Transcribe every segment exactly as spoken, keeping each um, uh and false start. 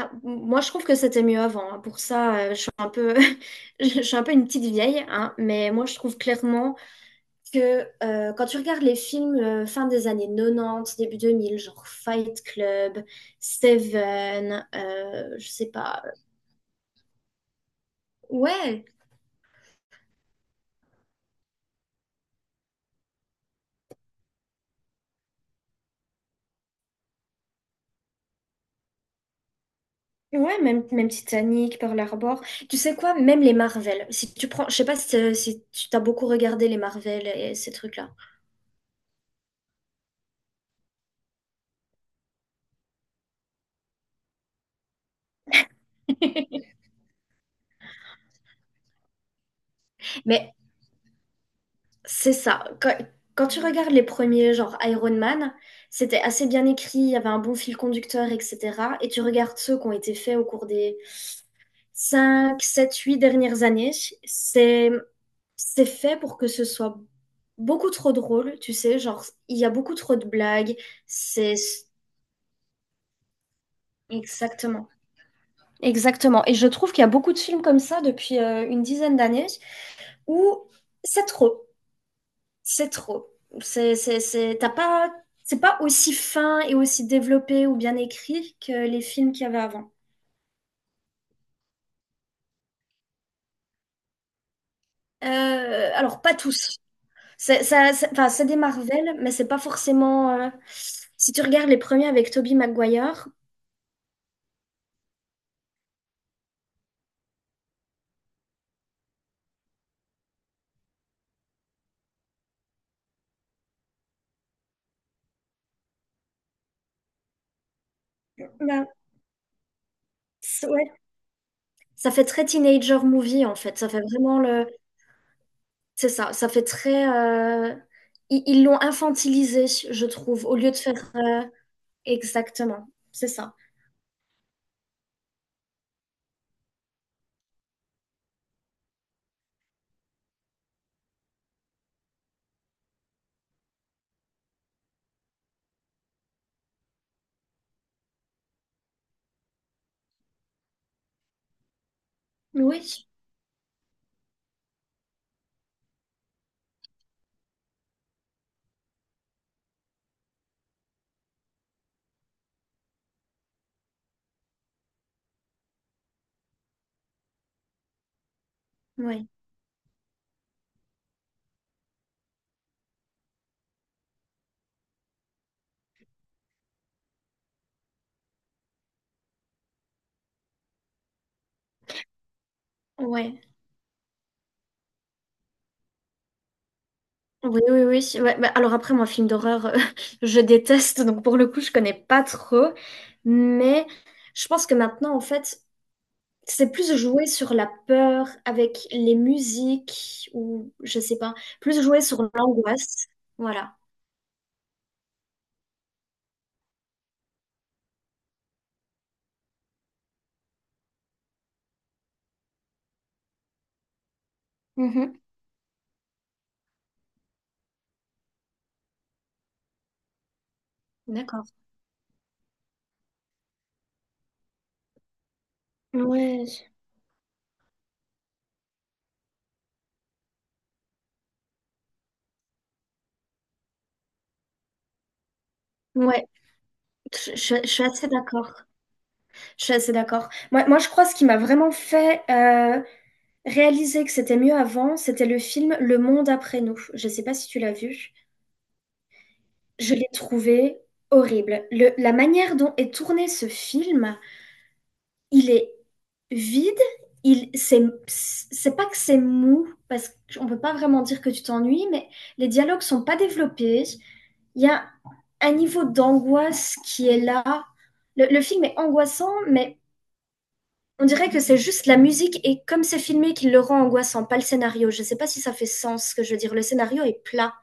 Ah, moi, je trouve que c'était mieux avant, hein. Pour ça, euh, je suis un peu, je suis un peu une petite vieille, hein, mais moi, je trouve clairement que euh, quand tu regardes les films euh, fin des années quatre-vingt-dix, début deux mille, genre Fight Club, Seven, euh, je sais pas. euh, Ouais, ouais, même, même Titanic, Pearl Harbor. Tu sais quoi, même les Marvel. Si tu prends, je sais pas si, t'es- si tu t'as beaucoup regardé les Marvel et ces trucs-là. Mais c'est ça. Quand, quand tu regardes les premiers, genre Iron Man, c'était assez bien écrit, il y avait un bon fil conducteur, et cetera. Et tu regardes ceux qui ont été faits au cours des cinq, sept, huit dernières années, c'est, c'est fait pour que ce soit beaucoup trop drôle, tu sais, genre il y a beaucoup trop de blagues, c'est... Exactement. Exactement. Et je trouve qu'il y a beaucoup de films comme ça depuis euh, une dizaine d'années où c'est trop. C'est trop. C'est, c'est, c'est, t'as pas, c'est pas aussi fin et aussi développé ou bien écrit que les films qu'il y avait avant. Euh, alors, pas tous. C'est, ça, c'est- enfin, c'est des Marvel, mais c'est pas forcément. euh, Si tu regardes les premiers avec Tobey Maguire. bah, c'est- ouais, ça fait très teenager movie en fait. Ça fait vraiment le. C'est ça, ça fait très. euh, Ils ils l'ont infantilisé, je trouve, au lieu de faire. euh, Exactement, c'est ça. Oui, oui, ouais. Oui, oui, oui. Ouais, bah, alors après, moi, film d'horreur, euh, je déteste, donc pour le coup, je connais pas trop. Mais je pense que maintenant, en fait, c'est plus jouer sur la peur avec les musiques ou je sais pas, plus jouer sur l'angoisse. Voilà. Mhm. D'accord. Ouais. Ouais, je, je- je suis assez d'accord. Je suis assez d'accord. Moi, moi, je crois ce qui m'a vraiment fait euh, réaliser que c'était mieux avant, c'était le film Le Monde après nous. Je sais pas si tu l'as vu. Je l'ai trouvé horrible. Le- la manière dont est tourné ce film, il est vide. Il, c'est, c'est pas que c'est mou, parce qu'on peut pas vraiment dire que tu t'ennuies, mais les dialogues sont pas développés. Il y a un niveau d'angoisse qui est là. Le, le film est angoissant, mais on dirait que c'est juste la musique et comme c'est filmé qui le rend angoissant, pas le scénario. Je sais pas si ça fait sens ce que je veux dire. Le scénario est plat.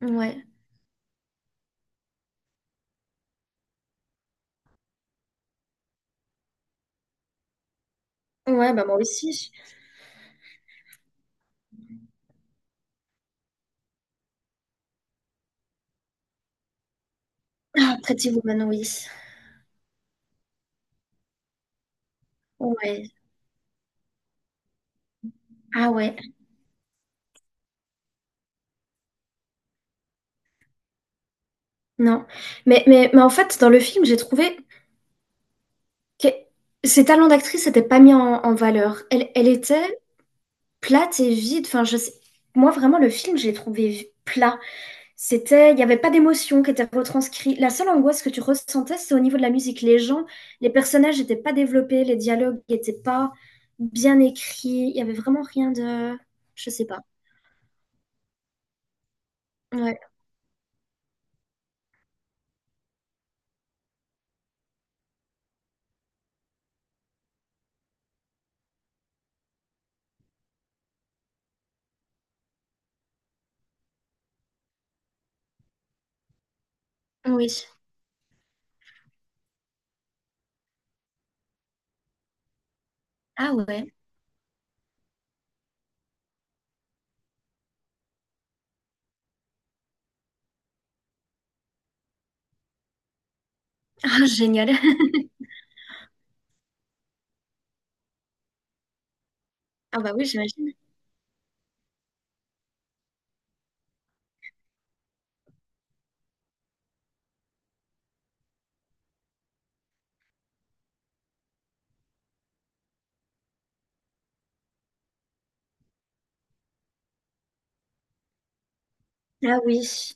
Ouais. Ouais, bah moi aussi. Ah, Pretty Woman, oui. Ouais. Ah ouais, non. Mais, mais, mais en fait, dans le film, j'ai trouvé que ses talents d'actrice n'étaient pas mis en, en valeur. Elle, elle était plate et vide. Enfin, je sais- Moi, vraiment, le film, je l'ai trouvé vi- plat. C'était. Il n'y avait pas d'émotion qui était retranscrite. La seule angoisse que tu ressentais, c'est au niveau de la musique. Les gens, les personnages n'étaient pas développés, les dialogues n'étaient pas bien écrits. Il n'y avait vraiment rien de. Je sais pas. Ouais. Oui. Ouais. Ah, génial. Ah bah oui, j'imagine. Ah oui.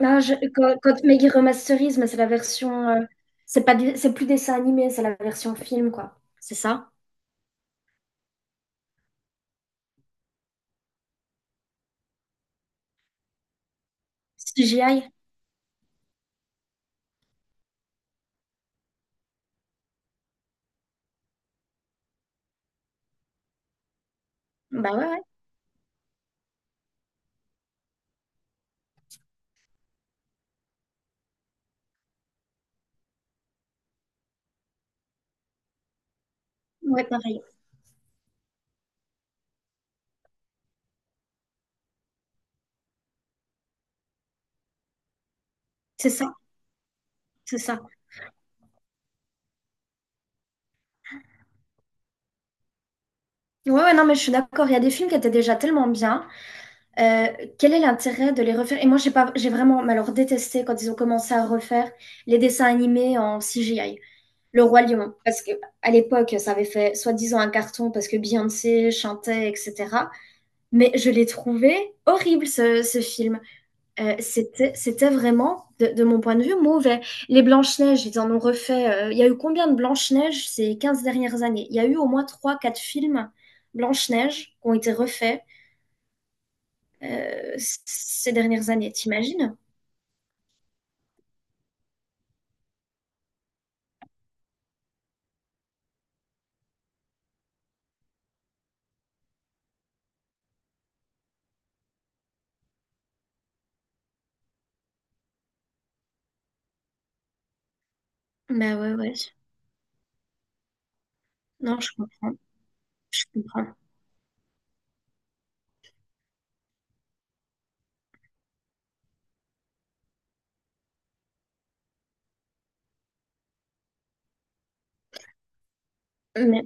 Là, je- quand, quand Maggie remasterise, mais c'est la version. euh, c'est pas du- C'est plus dessin animé, c'est la version film, quoi. C'est ça? C G I? Bah ouais, ouais, ouais, pareil. C'est ça, c'est ça. Ouais, ouais, non, mais je suis d'accord. Il y a des films qui étaient déjà tellement bien. Euh, Quel est l'intérêt de les refaire? Et moi, j'ai pas, j'ai vraiment, mais alors, détesté quand ils ont commencé à refaire les dessins animés en C G I. Le Roi Lion, parce que à l'époque, ça avait fait soi-disant un carton parce que Beyoncé chantait, et cetera. Mais je l'ai trouvé horrible, ce ce film. Euh, c'était, c'était vraiment, de, de mon point de vue, mauvais. Les Blanches-Neiges, ils en ont refait. euh, Il y a eu combien de Blanches-Neiges ces quinze dernières années? Il y a eu au moins trois quatre films Blanche-Neige qui ont été refaits euh, c- ces dernières années, t'imagines? Bah ouais, ouais. Non, je comprends, je comprends. Mais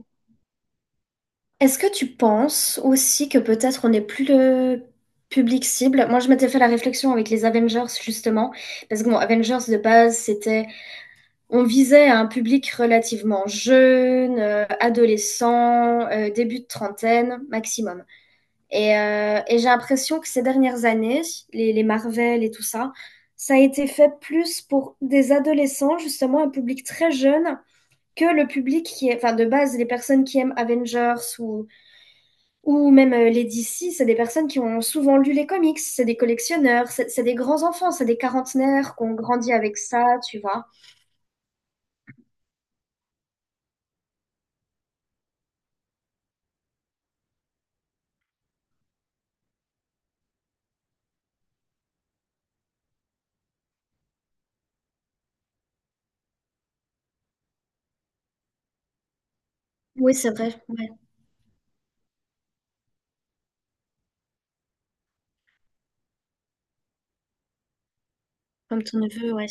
est-ce que tu penses aussi que peut-être on n'est plus le public cible? Moi, je m'étais fait la réflexion avec les Avengers, justement, parce que bon, Avengers de base, c'était. On visait à un public relativement jeune, euh, adolescent, euh, début de trentaine maximum. Et, euh, et j'ai l'impression que ces dernières années, les, les Marvel et tout ça, ça a été fait plus pour des adolescents, justement un public très jeune, que le public qui est, enfin de base, les personnes qui aiment Avengers ou, ou même euh, les D C, c'est des personnes qui ont souvent lu les comics, c'est des collectionneurs, c'est c'est des grands enfants, c'est des quarantenaires qui ont grandi avec ça, tu vois. Oui, c'est vrai. Comme ton neveu, ouais.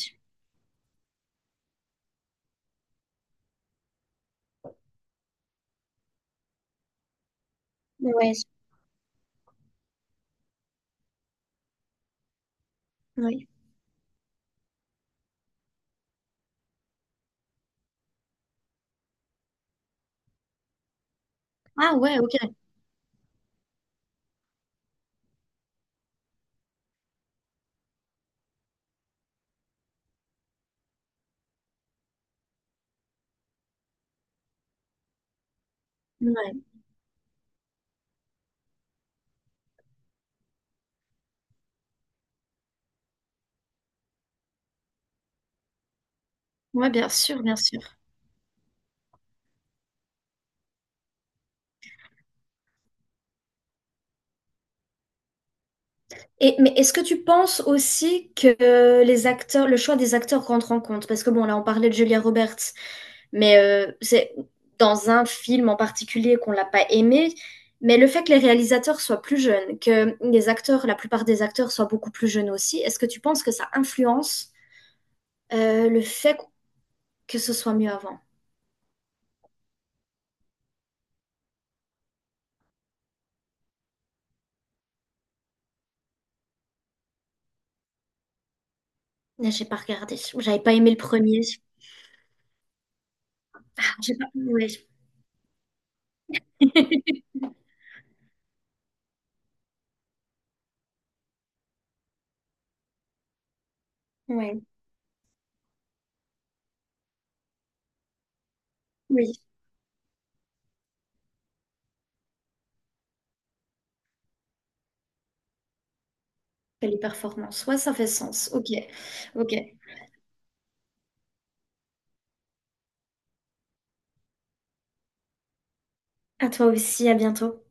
Ouais, oui. Ah ouais, ok. Ouais. Ouais, bien sûr, bien sûr. Et, mais est-ce que tu penses aussi que les acteurs, le choix des acteurs rentre en compte? Parce que bon, là, on parlait de Julia Roberts, mais euh, c'est dans un film en particulier qu'on l'a pas aimé. Mais le fait que les réalisateurs soient plus jeunes, que les acteurs, la plupart des acteurs soient beaucoup plus jeunes aussi, est-ce que tu penses que ça influence euh, le fait que ce soit mieux avant? Là, j'ai pas regardé. J'avais pas aimé le premier. J'ai pas. Ouais. Oui, oui, les performances. Ouais, ça fait sens. Ok, ok. À toi aussi, à bientôt.